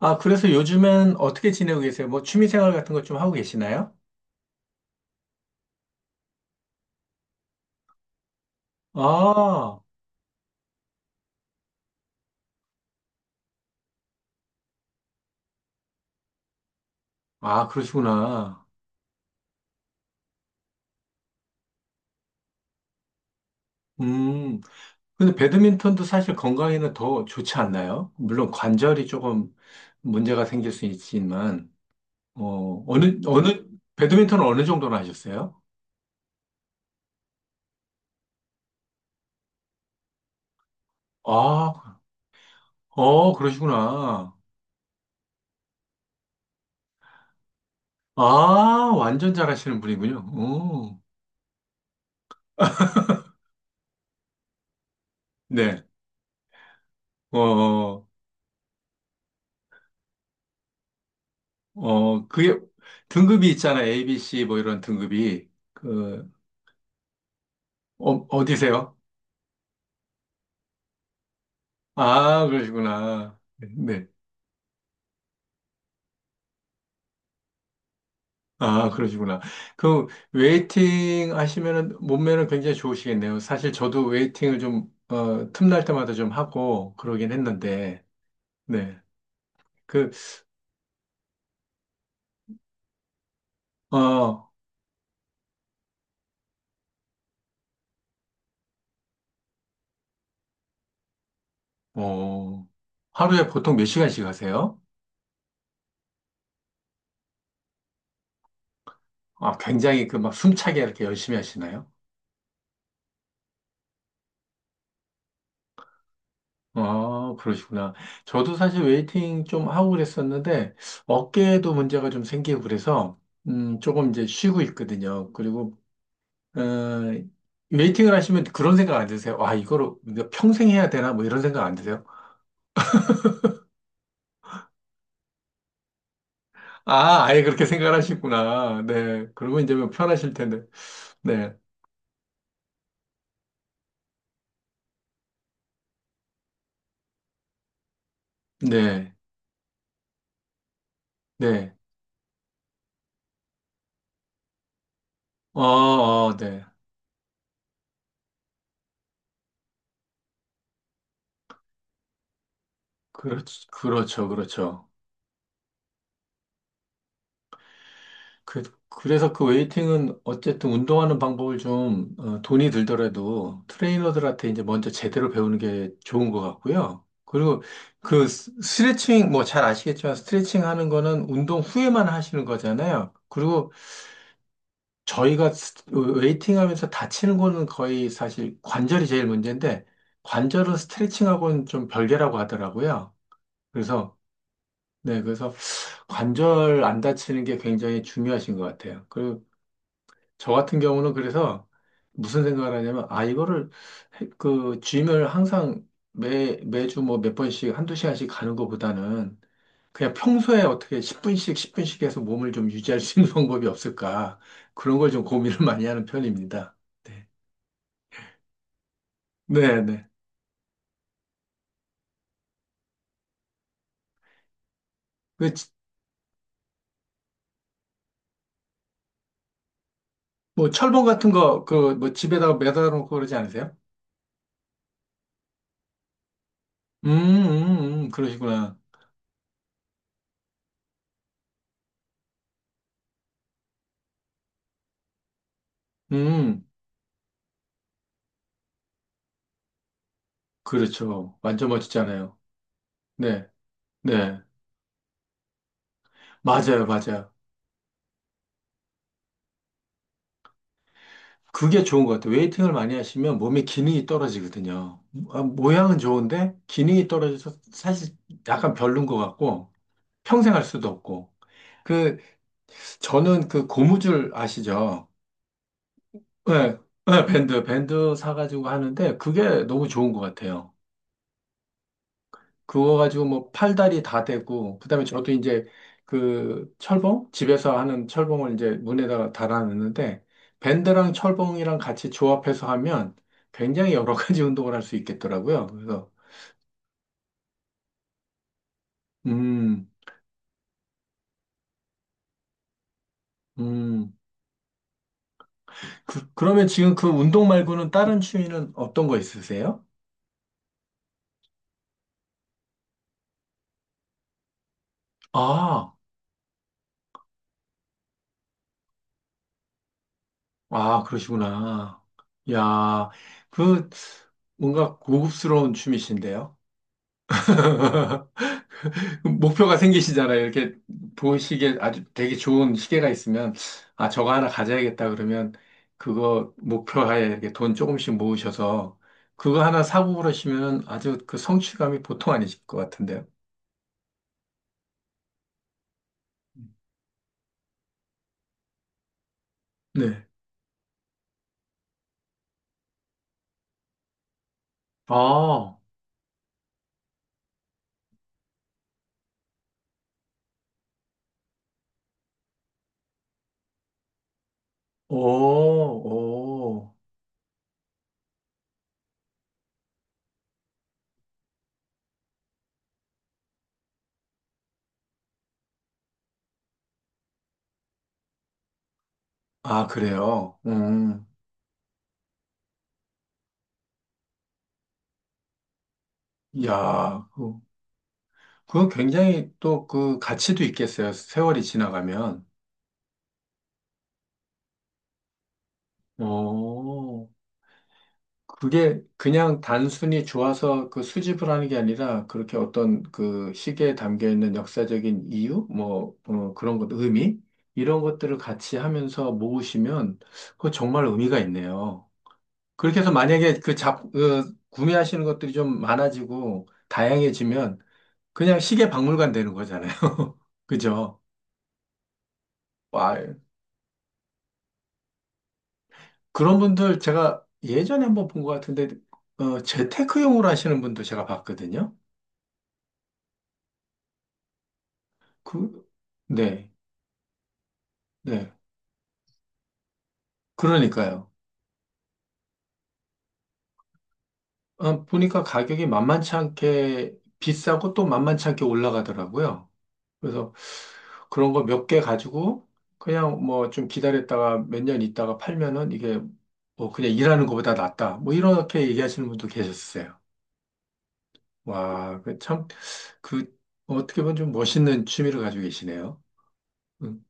아, 그래서 요즘엔 어떻게 지내고 계세요? 뭐 취미 생활 같은 것 좀 하고 계시나요? 아, 아, 그러시구나. 음, 근데 배드민턴도 사실 건강에는 더 좋지 않나요? 물론 관절이 조금 문제가 생길 수 있지만, 어, 어느, 어느, 배드민턴은 어느 정도나 하셨어요? 아, 그러시구나. 아, 완전 잘하시는 분이군요. 오, 네. 어, 어, 그게 등급이 있잖아. ABC 뭐 이런 등급이. 어디세요? 아, 그러시구나. 네. 네. 아, 그러시구나. 그, 웨이팅 하시면은 몸매는 굉장히 좋으시겠네요. 사실 저도 웨이팅을 좀, 틈날 때마다 좀 하고 그러긴 했는데, 네. 그, 어, 어, 하루에 보통 몇 시간씩 하세요? 아, 굉장히 그 막 숨차게 이렇게 열심히 하시나요? 아, 그러시구나. 저도 사실 웨이팅 좀 하고 그랬었는데, 어깨에도 문제가 좀 생기고 그래서, 조금 이제 쉬고 있거든요. 그리고 어, 웨이팅을 하시면 그런 생각 안 드세요? 와, 이거를 내가 평생 해야 되나? 뭐 이런 생각 안 드세요? 아, 아예 그렇게 생각을 하시구나. 네. 그러면 이제 뭐 편하실 텐데. 네. 네. 네. 네. 그렇, 그렇죠. 그렇죠. 그, 그래서 그 웨이팅은 어쨌든 운동하는 방법을 좀 돈이 들더라도 트레이너들한테 이제 먼저 제대로 배우는 게 좋은 것 같고요. 그리고 스트레칭 뭐 잘 아시겠지만 스트레칭 하는 거는 운동 후에만 하시는 거잖아요. 그리고 저희가 웨이팅 하면서 다치는 거는 거의 사실 관절이 제일 문제인데 관절은 스트레칭하고는 좀 별개라고 하더라고요. 그래서 네, 그래서 관절 안 다치는 게 굉장히 중요하신 것 같아요. 그리고 저 같은 경우는 그래서 무슨 생각을 하냐면, 아, 이거를, 짐을 항상 매주 뭐 몇 번씩, 한두 시간씩 가는 것보다는 그냥 평소에 어떻게 10분씩, 10분씩 해서 몸을 좀 유지할 수 있는 방법이 없을까. 그런 걸 좀 고민을 많이 하는 편입니다. 네. 네, 네. 그, 지- 뭐, 철봉 같은 거, 그, 뭐, 집에다가 매달아 놓고 그러지 않으세요? 그러시구나. 음, 그렇죠. 완전 멋지잖아요. 네, 네. 맞아요, 맞아요. 그게 좋은 것 같아요. 웨이팅을 많이 하시면 몸의 기능이 떨어지거든요. 아, 모양은 좋은데 기능이 떨어져서 사실 약간 별론 것 같고 평생 할 수도 없고. 그 저는 그 고무줄 아시죠? 네, 네, 밴드 사가지고 하는데 그게 너무 좋은 것 같아요. 그거 가지고 뭐 팔다리 다 되고, 그다음에 저도 이제 그 철봉? 집에서 하는 철봉을 이제 문에다가 달아놨는데, 밴드랑 철봉이랑 같이 조합해서 하면 굉장히 여러 가지 운동을 할 수 있겠더라고요. 그래서, 음, 음. 그러면 지금 그 운동 말고는 다른 취미는 어떤 거 있으세요? 아, 아, 그러시구나. 야, 그, 뭔가 고급스러운 취미신데요? 목표가 생기시잖아요. 이렇게 보시기에 아주 되게 좋은 시계가 있으면, 아, 저거 하나 가져야겠다 그러면, 그거 목표하에 이렇게 돈 조금씩 모으셔서, 그거 하나 사고 그러시면 아주 그 성취감이 보통 아니실 것 같은데요. 네. 아, 오, 오. 아, 그래요. 음. 야, 그, 그건 굉장히 또 그 가치도 있겠어요. 세월이 지나가면. 오. 그게 그냥 단순히 좋아서 그 수집을 하는 게 아니라 그렇게 어떤 그 시계에 담겨 있는 역사적인 이유, 그런 것, 의미 이런 것들을 같이 하면서 모으시면 그거 정말 의미가 있네요. 그렇게 해서 만약에 그 구매하시는 것들이 좀 많아지고 다양해지면 그냥 시계 박물관 되는 거잖아요. 그죠? 와, 그런 분들 제가 예전에 한번 본 것 같은데 재테크용으로 하시는 분도 제가 봤거든요. 그, 네. 네. 그러니까요. 아, 보니까 가격이 만만치 않게 비싸고 또 만만치 않게 올라가더라고요. 그래서 그런 거 몇 개 가지고 그냥 뭐 좀 기다렸다가 몇 년 있다가 팔면은 이게 뭐 그냥 일하는 것보다 낫다. 뭐 이렇게 얘기하시는 분도 계셨어요. 와, 그 참, 그 어떻게 보면 좀 멋있는 취미를 가지고 계시네요. 음.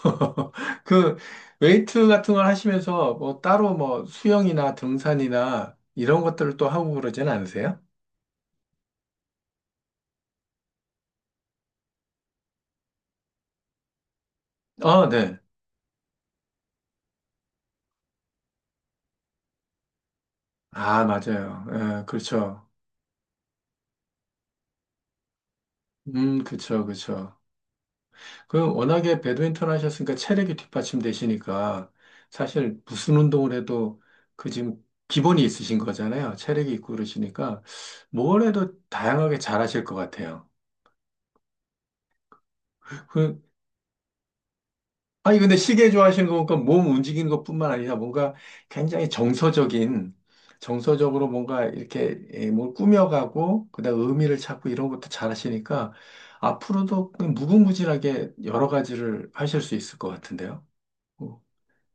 그 웨이트 같은 걸 하시면서 뭐 따로 뭐 수영이나 등산이나 이런 것들을 또 하고 그러진 않으세요? 아, 네. 아, 맞아요. 예, 그렇죠. 그렇죠, 그렇죠. 그 워낙에 배드민턴 하셨으니까 체력이 뒷받침되시니까 사실 무슨 운동을 해도 그 지금 기본이 있으신 거잖아요. 체력이 있고 그러시니까 뭘 해도 다양하게 잘하실 것 같아요. 그 아니, 근데 시계 좋아하시는 거 보니까 몸 움직이는 것뿐만 아니라 뭔가 굉장히 정서적인, 정서적으로 뭔가 이렇게 예, 뭘 꾸며가고, 그다음 의미를 찾고 이런 것도 잘 하시니까 앞으로도 그냥 무궁무진하게 여러 가지를 하실 수 있을 것 같은데요. 어,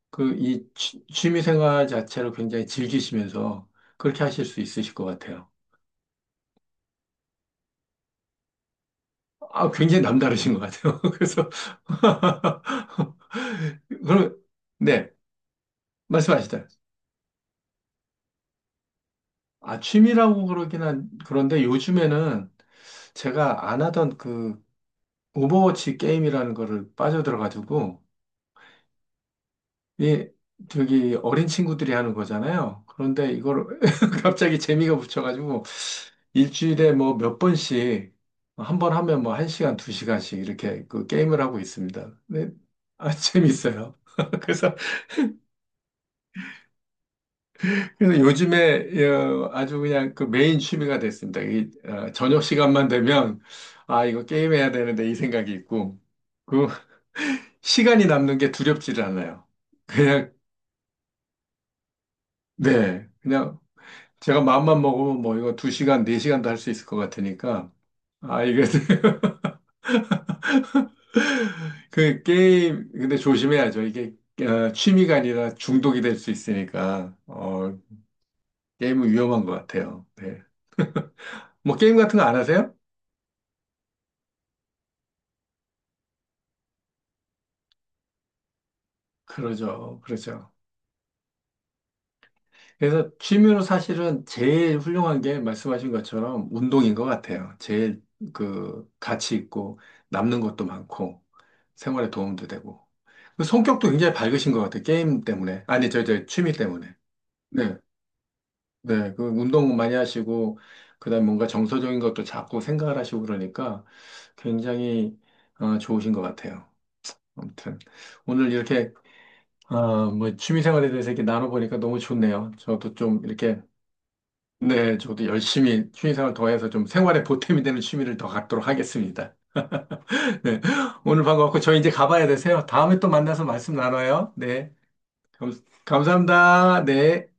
그이 취미 생활 자체를 굉장히 즐기시면서 그렇게 하실 수 있으실 것 같아요. 아, 굉장히 남다르신 것 같아요. 그래서, 그럼, 네, 말씀하시죠. 아, 취미라고 그런데 요즘에는 제가 안 하던 그 오버워치 게임이라는 거를 빠져들어가지고, 이, 저기 어린 친구들이 하는 거잖아요. 그런데 이걸 갑자기 재미가 붙여가지고, 일주일에 뭐 몇 번씩, 한번 하면 뭐 한 시간, 두 시간씩 이렇게 그 게임을 하고 있습니다. 네, 아, 재밌어요. 그래서 그래서 요즘에 아주 그냥 그 메인 취미가 됐습니다. 저녁 시간만 되면 아 이거 게임해야 되는데 이 생각이 있고 그 시간이 남는 게 두렵지를 않아요. 그냥 네 그냥 제가 마음만 먹으면 뭐 이거 두 시간 네 시간도 할 수 있을 것 같으니까 아 이거 그 게임 근데 조심해야죠. 취미가 아니라 중독이 될 수 있으니까 게임은 위험한 것 같아요. 네. 뭐 게임 같은 거 안 하세요? 그러죠. 그렇죠. 그래서 취미로 사실은 제일 훌륭한 게 말씀하신 것처럼 운동인 것 같아요. 제일 그 가치 있고 남는 것도 많고 생활에 도움도 되고. 그 성격도 굉장히 밝으신 것 같아요. 게임 때문에. 아니, 저 취미 때문에. 네. 네. 그 운동 많이 하시고 그다음에 뭔가 정서적인 것도 자꾸 생각을 하시고 그러니까 굉장히 좋으신 것 같아요. 아무튼 오늘 이렇게 뭐 취미 생활에 대해서 이렇게 나눠보니까 너무 좋네요. 저도 좀 이렇게 네, 저도 열심히 취미생활 더해서 좀 생활에 보탬이 되는 취미를 더 갖도록 하겠습니다. 네, 오늘 반가웠고 저희 이제 가봐야 되세요. 다음에 또 만나서 말씀 나눠요. 네, 감, 감사합니다. 네.